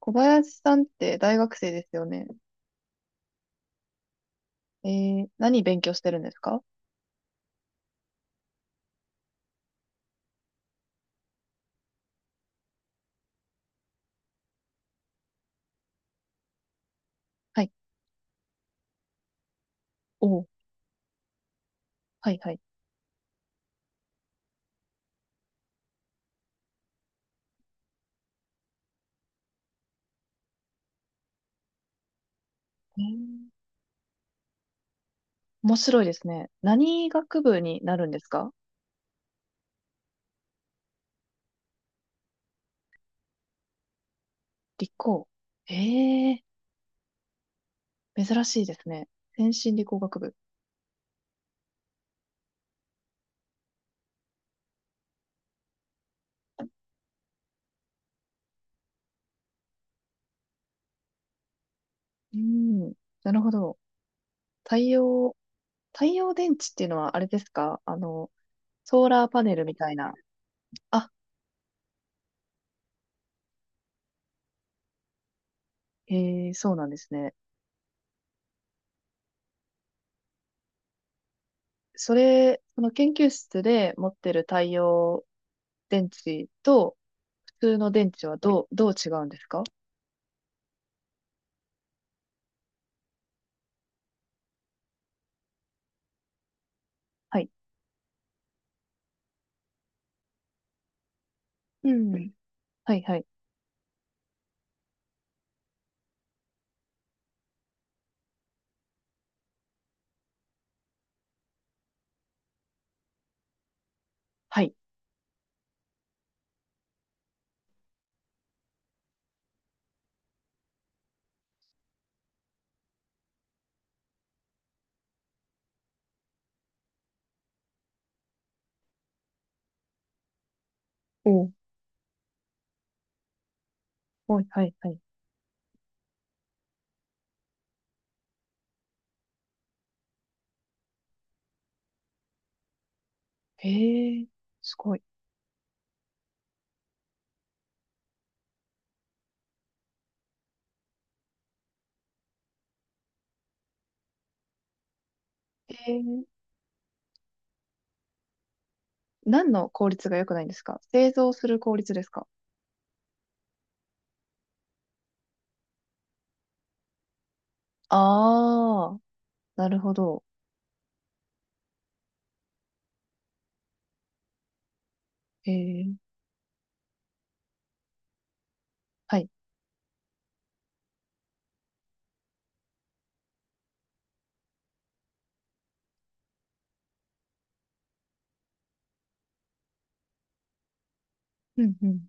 小林さんって大学生ですよね。え何勉強してるんですか？はい。おお、はいはい。えー、面白いですね。何学部になるんですか？理工。えー、珍しいですね。先進理工学部。うん、なるほど。太陽、太陽電池っていうのはあれですか？あの、ソーラーパネルみたいな。あ、へ、そうなんですね。その研究室で持ってる太陽電池と普通の電池はどう違うんですか？はい。うん。はい、はい。はい。おう。おい、はい、はい。へえ、すごい。へえ、何の効率が良くないんですか？製造する効率ですか？ああー、なるほど。へえ、はい。うんうん。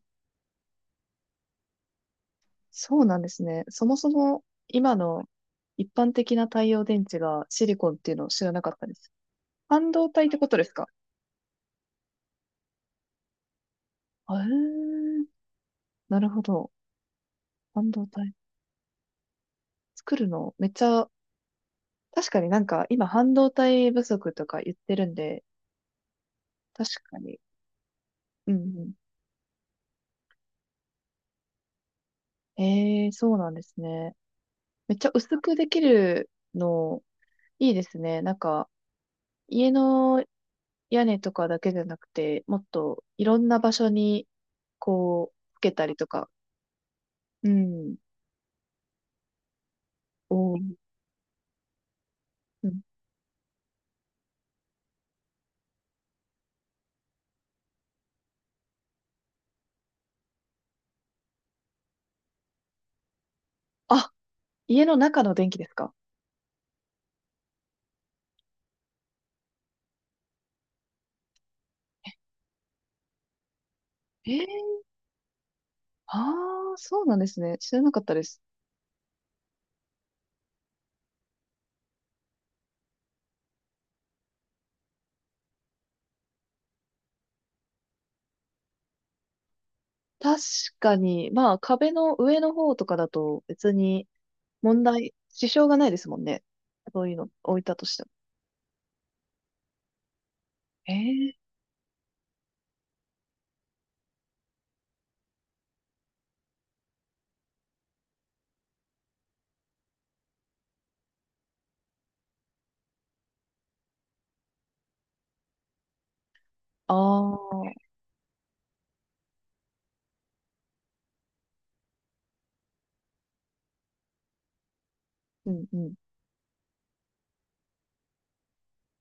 そうなんですね。そもそも今の一般的な太陽電池がシリコンっていうのを知らなかったです。半導体ってことですか？あえー、なるほど。半導体。作るのめっちゃ、確かになんか今半導体不足とか言ってるんで、確かに。うんうん。ええ、そうなんですね。めっちゃ薄くできるの、いいですね。なんか家の屋根とかだけじゃなくて、もっといろんな場所にこう、つけたりとか。うん。おー、うん。あ、家の中の電気ですか？えー、ああ、そうなんですね。知らなかったです。確かに、まあ壁の上の方とかだと別に問題、支障がないですもんね。そういうの置いたとしても。ええ、ああー、うんうん。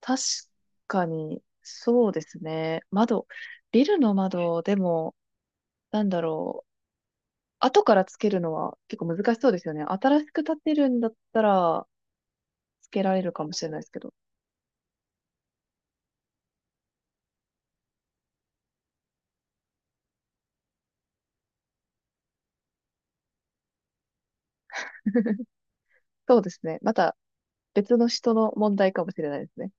確かに、そうですね。窓、ビルの窓でも、なんだろう。後からつけるのは結構難しそうですよね。新しく建てるんだったら、つけられるかもしれないですけど。そうですね。また別の人の問題かもしれないですね。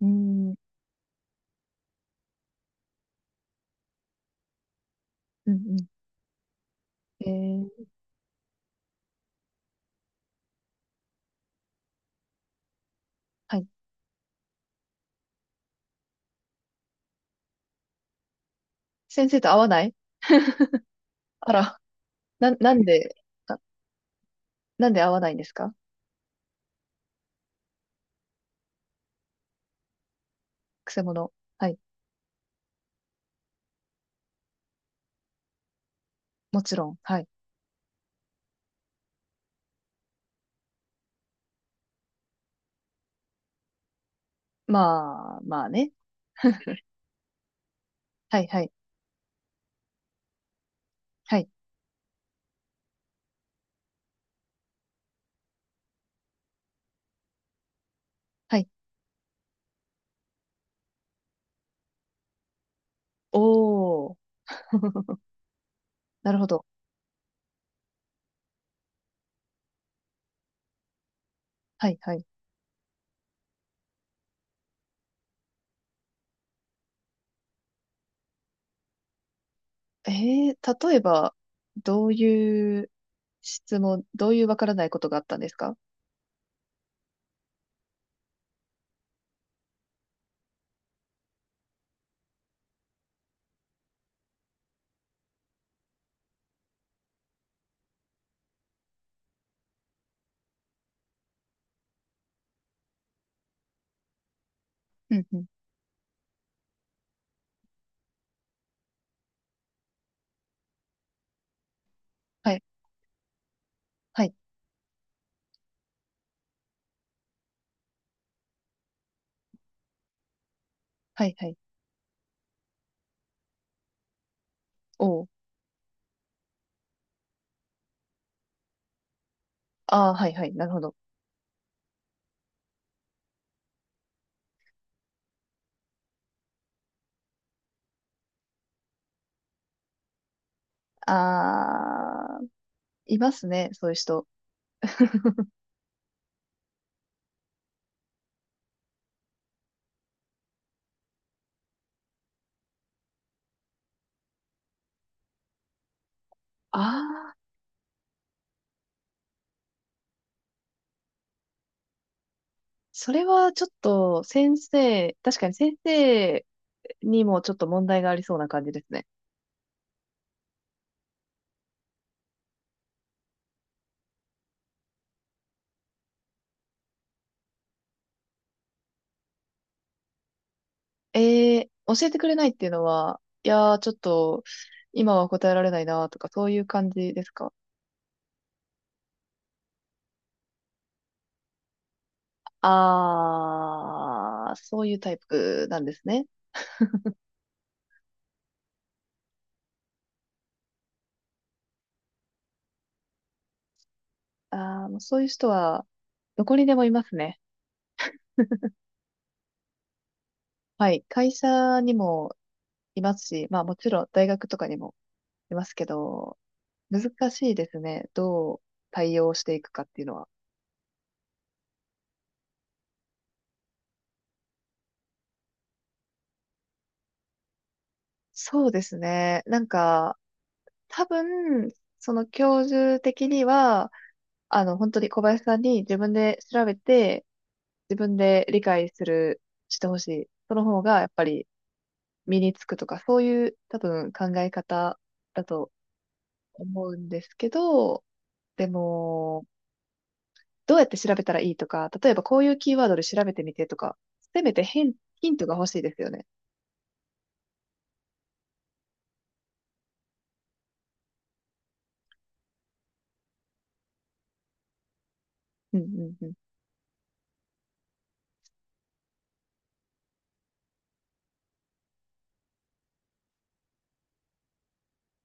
うーん、うんうん。えーはい。先生と合わない？あら、な、なんで、あ、なんで合わないんですか？くせ者。はい、もちろん。はい。まあ、まあね。はいはい。はい。はい。おー。なるほど。はいはい。え例えば、どういうどういうわからないことがあったんですか？うんうん。はい。はい。はいはい。おー。ああ、はいはい。なるほど。ああ、いますね、そういう人。ああ、それはちょっと先生、確かに先生にもちょっと問題がありそうな感じですね。えー、教えてくれないっていうのは、いやー、ちょっと今は答えられないなとか、そういう感じですか？ああ、そういうタイプなんですね。ああ、もうそういう人はどこにでもいますね。はい。会社にもいますし、まあもちろん大学とかにもいますけど、難しいですね。どう対応していくかっていうのは。そうですね。なんか、多分、その教授的には、あの、本当に小林さんに自分で調べて、自分で理解する、してほしい。その方が、やっぱり身につくとか、そういう多分考え方だと思うんですけど、でも、どうやって調べたらいいとか、例えばこういうキーワードで調べてみてとか、せめてヒントが欲しいですよね。うんうんうん。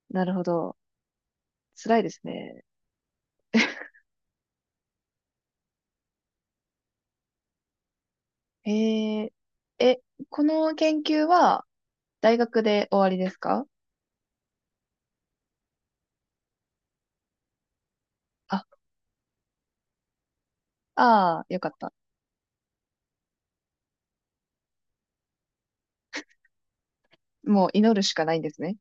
なるほど。辛いですね。えー、え、この研究は大学で終わりですか？あ、ああ、よかった。もう祈るしかないんですね。